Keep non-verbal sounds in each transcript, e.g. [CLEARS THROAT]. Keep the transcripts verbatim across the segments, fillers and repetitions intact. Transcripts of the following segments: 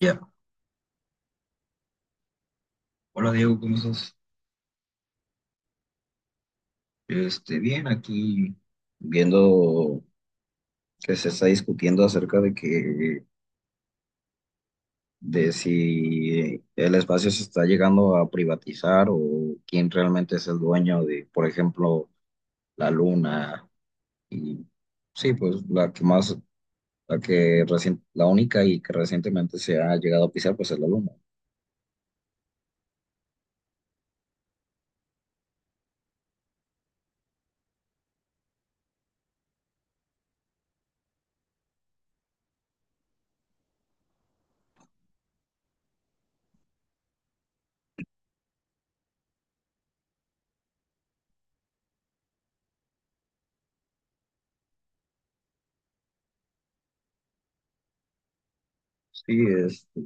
Ya, hola Diego, ¿cómo estás? Este, bien, aquí viendo que se está discutiendo acerca de que de si el espacio se está llegando a privatizar o quién realmente es el dueño de, por ejemplo, la luna. Y sí, pues la que más, la que recien- la única y que recientemente se ha llegado a pisar, pues es la luna. Sí, este,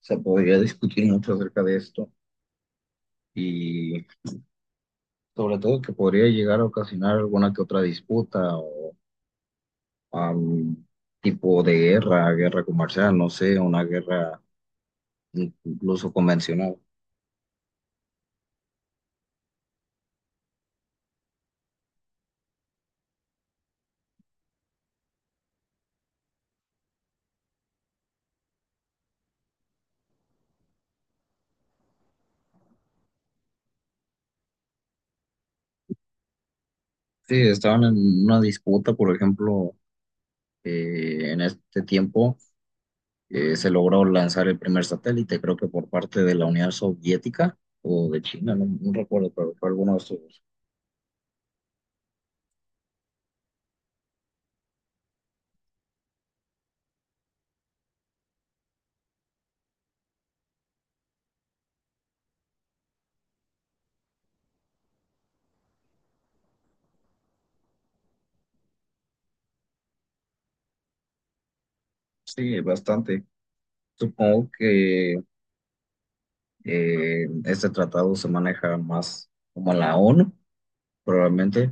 se podría discutir mucho acerca de esto, y sobre todo que podría llegar a ocasionar alguna que otra disputa o am, tipo de guerra, guerra comercial, no sé, una guerra incluso convencional. Sí, estaban en una disputa. Por ejemplo, eh, en este tiempo eh, se logró lanzar el primer satélite, creo que por parte de la Unión Soviética o de China, no, no recuerdo, pero fue alguno de esos. Sí, bastante. Supongo que eh, este tratado se maneja más como la ONU, probablemente.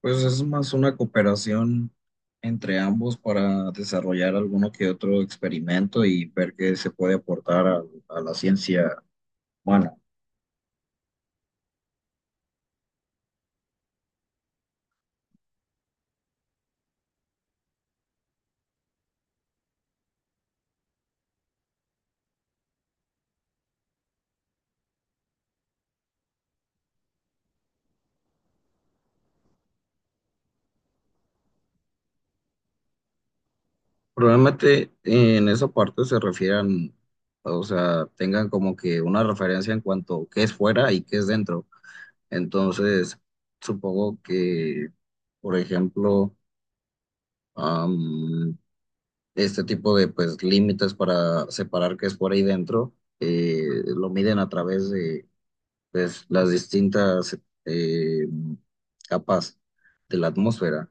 Pues es más una cooperación entre ambos para desarrollar alguno que otro experimento y ver qué se puede aportar a, a la ciencia humana. Probablemente en esa parte se refieran, o sea, tengan como que una referencia en cuanto a qué es fuera y qué es dentro. Entonces, supongo que, por ejemplo, am, este tipo de pues límites para separar qué es fuera y dentro, eh, lo miden a través de pues las distintas eh, capas de la atmósfera.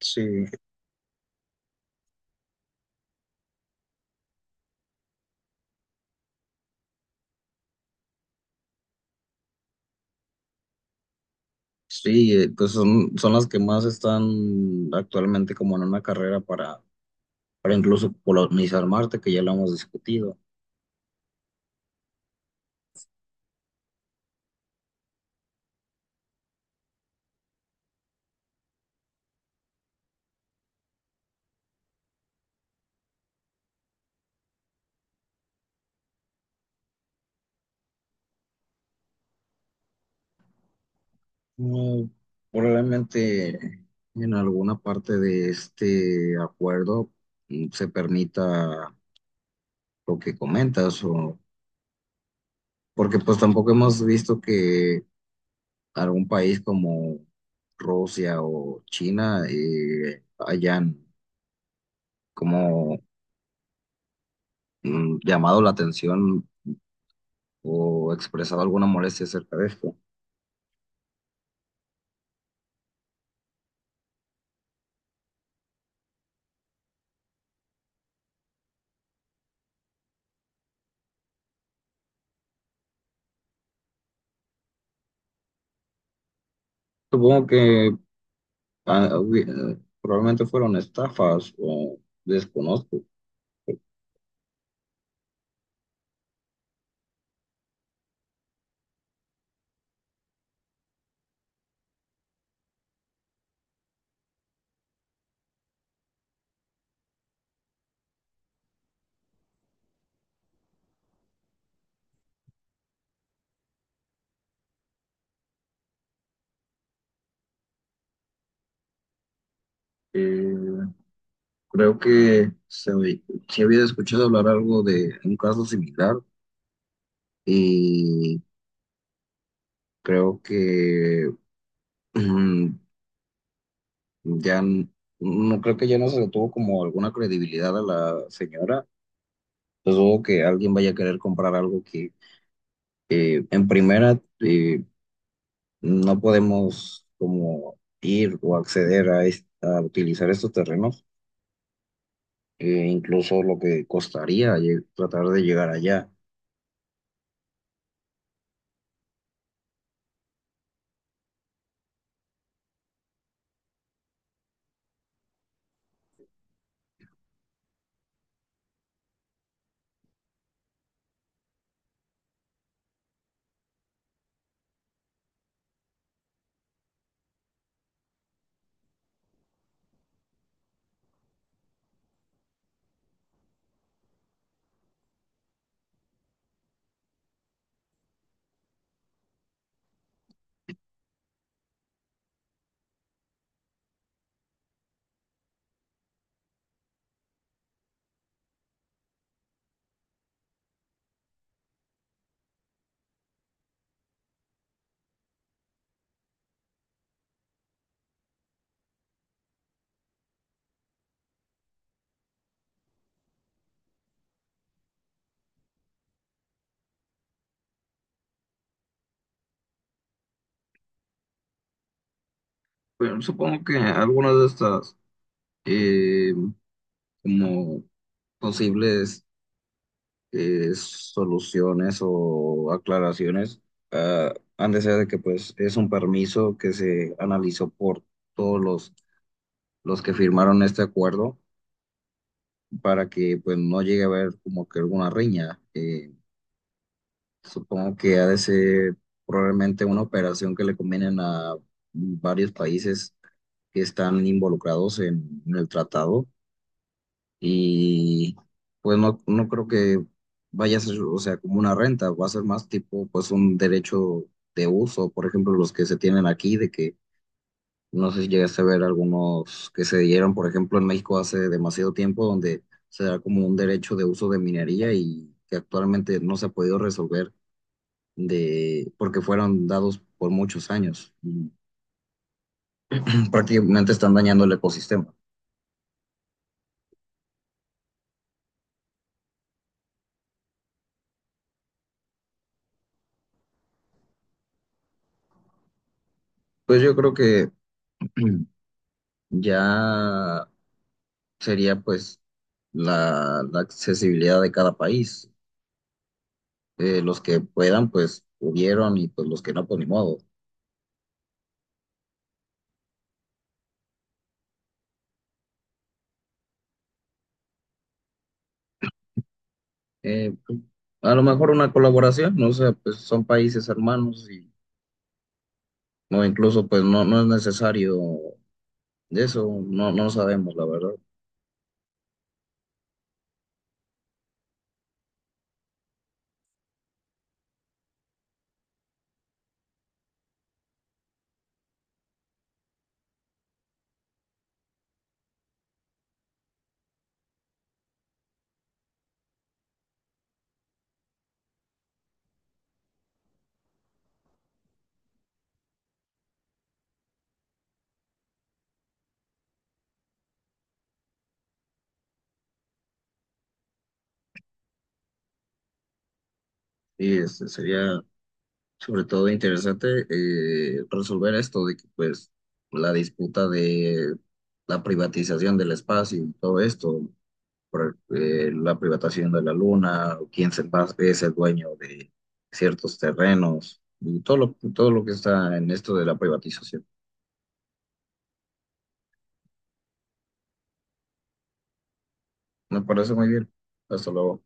Sí. Sí, eh, pues son, son las que más están actualmente como en una carrera para, para incluso colonizar Marte, que ya lo hemos discutido. No, probablemente en alguna parte de este acuerdo mm, se permita lo que comentas, o, porque pues tampoco hemos visto que algún país como Rusia o China eh, hayan como mm, llamado la atención o expresado alguna molestia acerca de esto. Supongo que ah, hubi- eh, probablemente fueron estafas o desconozco. Eh, creo que se, oí- sí había escuchado hablar algo de un caso similar, y creo que [CLEARS THROAT] Ya n- no creo que ya no se le tuvo como alguna credibilidad a la señora. Entonces dudo que alguien vaya a querer comprar algo que eh, en primera eh, no podemos como ir o acceder a, es- a utilizar estos terrenos, eh, incluso lo que costaría lle- tratar de llegar allá. Pero supongo que algunas de estas eh, como posibles eh, soluciones o aclaraciones, ah, han de ser de que pues es un permiso que se analizó por todos los, los que firmaron este acuerdo para que pues no llegue a haber como que alguna riña. Eh, supongo que ha de ser probablemente una operación que le convienen a varios países que están involucrados en en el tratado. Y pues no, no creo que vaya a ser, o sea, como una renta, va a ser más tipo pues un derecho de uso. Por ejemplo, los que se tienen aquí, de que no sé si llegaste a ver algunos que se dieron, por ejemplo, en México hace demasiado tiempo, donde se da como un derecho de uso de minería y que actualmente no se ha podido resolver de, porque fueron dados por muchos años. Y prácticamente están dañando el ecosistema. Pues yo creo que [CLEARS THROAT] ya sería pues la, la accesibilidad de cada país. Eh, los que puedan, pues pudieron, y pues los que no, pues ni modo. Eh, pues, a lo mejor una colaboración, ¿no? O sea, pues son países hermanos, y no, incluso pues no, no es necesario de eso, no, no sabemos la verdad. Y este, sería sobre todo interesante eh, resolver esto de que pues la disputa de la privatización del espacio y todo esto. Por eh, la privatización de la luna, o quién se va- es el dueño de ciertos terrenos, y todo lo, todo lo que está en esto de la privatización. Me parece muy bien. Hasta luego.